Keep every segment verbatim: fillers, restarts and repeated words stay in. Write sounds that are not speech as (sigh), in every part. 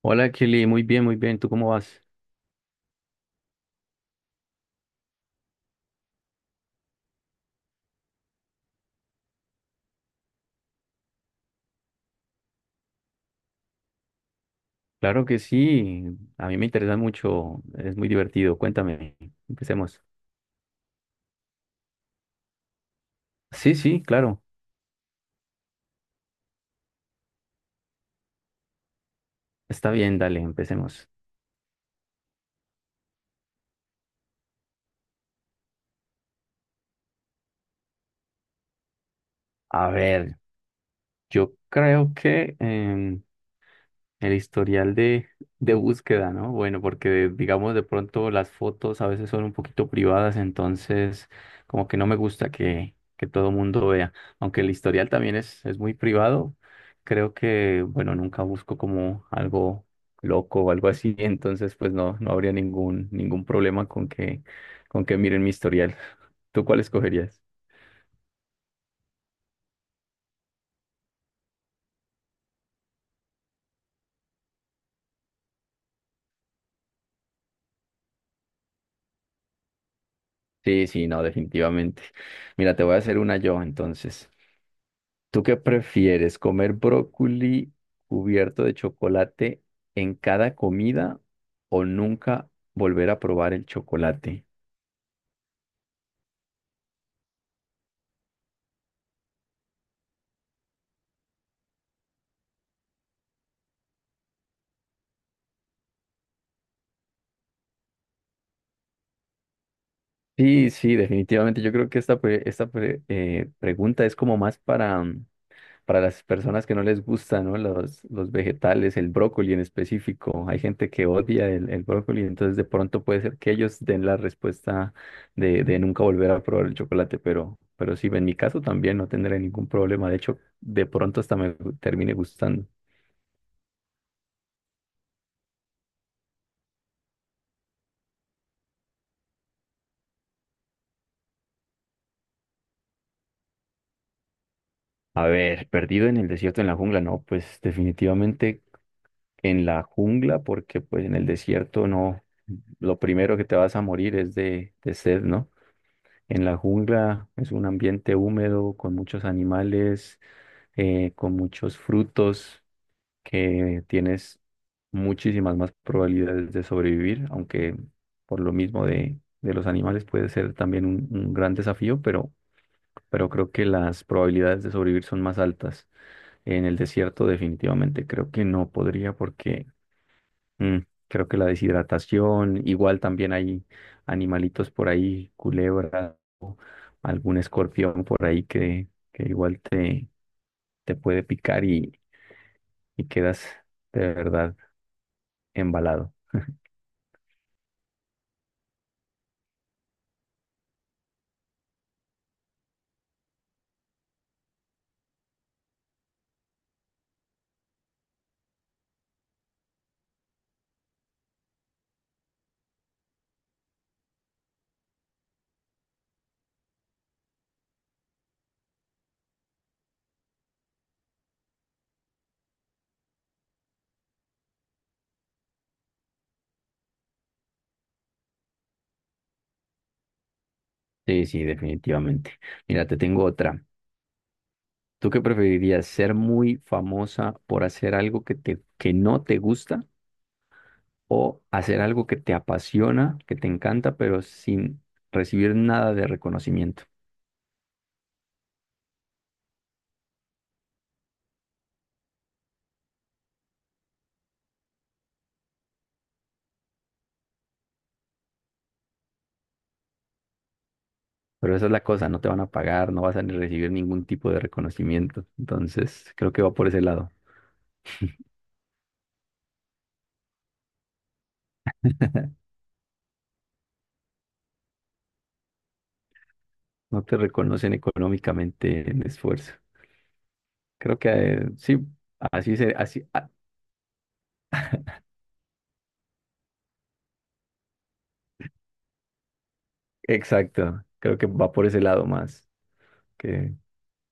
Hola Kelly, muy bien, muy bien. ¿Tú cómo vas? Claro que sí, a mí me interesa mucho, es muy divertido. Cuéntame, empecemos. Sí, sí, claro, está bien, dale, empecemos. A ver, yo creo que em, El historial de, de búsqueda, ¿no? Bueno, porque digamos de pronto las fotos a veces son un poquito privadas, entonces como que no me gusta que, que todo el mundo vea. Aunque el historial también es, es muy privado, creo que, bueno, nunca busco como algo loco o algo así, entonces pues no, no habría ningún, ningún problema con que, con que miren mi historial. (laughs) ¿Tú cuál escogerías? Sí, sí, no, definitivamente. Mira, te voy a hacer una yo entonces. ¿Tú qué prefieres? ¿Comer brócoli cubierto de chocolate en cada comida o nunca volver a probar el chocolate? Sí, sí, definitivamente. Yo creo que esta, pre- esta pre- eh, pregunta es como más para, mm, para las personas que no les gustan, ¿no? Los, los vegetales, el brócoli en específico. Hay gente que odia el, el brócoli, entonces de pronto puede ser que ellos den la respuesta de, de nunca volver a probar el chocolate, pero, pero sí, en mi caso también no tendré ningún problema. De hecho, de pronto hasta me termine gustando. A ver, perdido en el desierto, en la jungla, no, pues definitivamente en la jungla, porque pues en el desierto no, lo primero que te vas a morir es de, de sed, ¿no? En la jungla es un ambiente húmedo con muchos animales, eh, con muchos frutos, que tienes muchísimas más probabilidades de sobrevivir, aunque por lo mismo de, de los animales puede ser también un, un gran desafío, pero, pero creo que las probabilidades de sobrevivir son más altas. En el desierto definitivamente creo que no podría porque mm, creo que la deshidratación, igual también hay animalitos por ahí, culebras, algún escorpión por ahí que, que igual te, te puede picar y, y quedas de verdad embalado. Sí, sí, definitivamente. Mira, te tengo otra. ¿Tú qué preferirías, ser muy famosa por hacer algo que te, que no te gusta o hacer algo que te apasiona, que te encanta, pero sin recibir nada de reconocimiento? Pero esa es la cosa, no te van a pagar, no vas a ni recibir ningún tipo de reconocimiento. Entonces, creo que va por ese lado. No te reconocen económicamente en esfuerzo. Creo que eh, sí, así se, así, ah, exacto. Creo que va por ese lado más, que,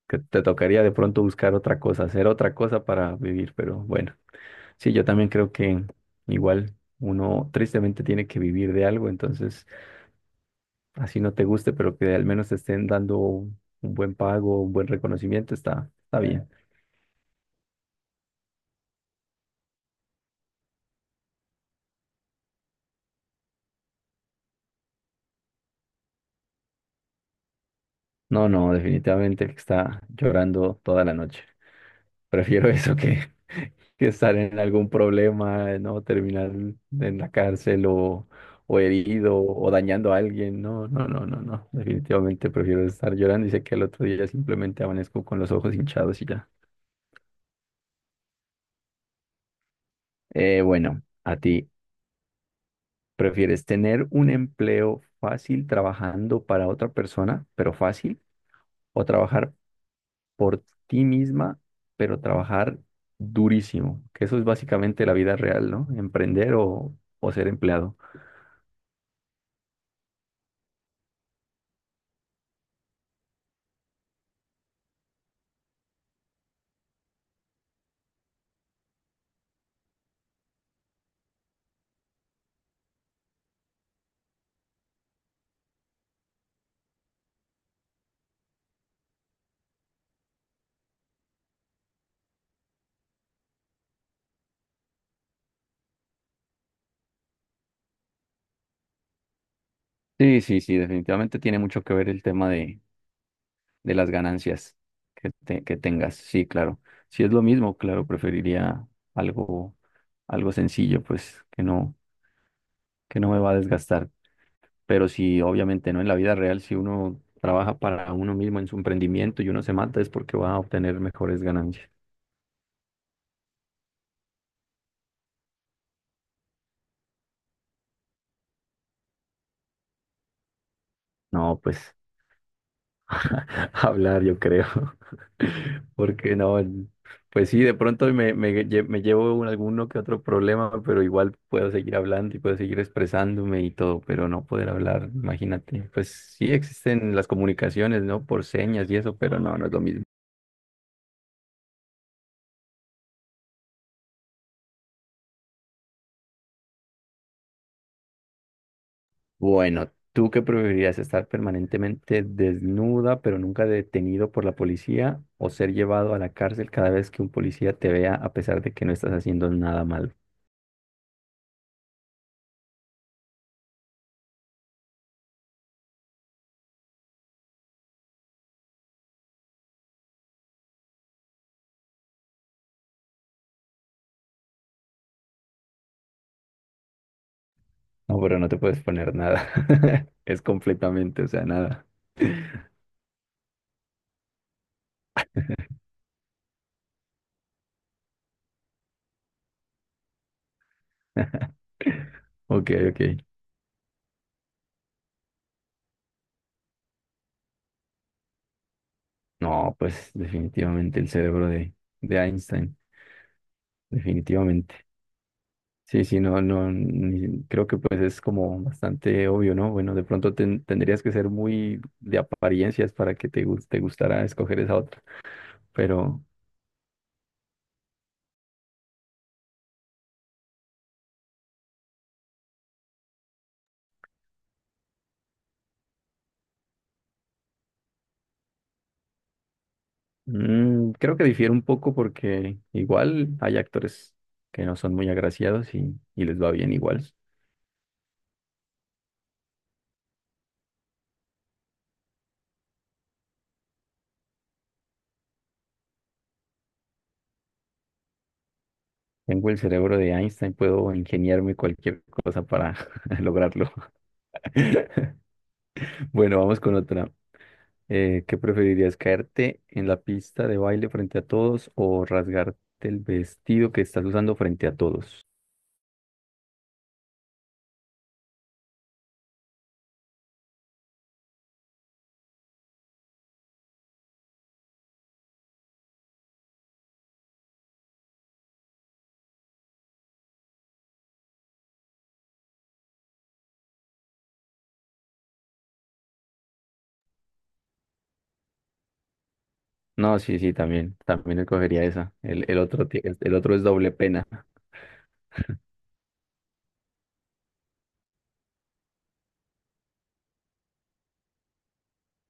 que te tocaría de pronto buscar otra cosa, hacer otra cosa para vivir, pero bueno, sí, yo también creo que igual uno tristemente tiene que vivir de algo, entonces así no te guste, pero que al menos te estén dando un buen pago, un buen reconocimiento, está, está bien. No, no, definitivamente está llorando toda la noche. Prefiero (laughs) eso que, que estar en algún problema, ¿no? Terminar en la cárcel o, o herido o dañando a alguien. No, no, no, no, no. Definitivamente prefiero estar llorando y sé que el otro día simplemente amanezco con los ojos hinchados y ya. Eh, bueno, a ti, ¿prefieres tener un empleo fácil trabajando para otra persona, pero fácil, o trabajar por ti misma, pero trabajar durísimo? Que eso es básicamente la vida real, ¿no? Emprender o, o ser empleado. Sí, sí, sí, definitivamente tiene mucho que ver el tema de, de las ganancias que, te- que tengas. Sí, claro. Si es lo mismo, claro, preferiría algo, algo sencillo, pues, que no, que no me va a desgastar. Pero si obviamente no en la vida real, si uno trabaja para uno mismo en su emprendimiento y uno se mata, es porque va a obtener mejores ganancias. No, pues. (laughs) Hablar, yo creo. (laughs) Porque no, pues sí, de pronto me, me lle- me llevo un- alguno que otro problema, pero igual puedo seguir hablando y puedo seguir expresándome y todo, pero no poder hablar, imagínate. Pues sí existen las comunicaciones, ¿no? Por señas y eso, pero no, no es lo mismo. Bueno, ¿tú qué preferirías? ¿Estar permanentemente desnuda, pero nunca detenido por la policía, o ser llevado a la cárcel cada vez que un policía te vea a pesar de que no estás haciendo nada malo? No, pero no te puedes poner nada. (laughs) Es completamente, o sea, nada. (laughs) Ok, ok. No, pues definitivamente el cerebro de, de Einstein, definitivamente. Sí, sí, no, no, ni- creo que pues es como bastante obvio, ¿no? Bueno, de pronto ten- tendrías que ser muy de apariencias para que te, gus- te gustara escoger esa otra, pero mm, creo que difiere un poco porque igual hay actores que no son muy agraciados y, y les va bien igual. Tengo el cerebro de Einstein, puedo ingeniarme cualquier cosa para (laughs) lograrlo. (laughs) Bueno, vamos con otra. Eh, ¿qué preferirías, caerte en la pista de baile frente a todos o rasgarte el vestido que estás usando frente a todos? No, sí, sí, también, también escogería esa. El, el otro, ti- el el otro es doble pena.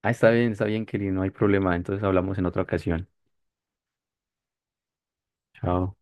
Ah, está bien, está bien, Kelly, no hay problema. Entonces hablamos en otra ocasión. Chao.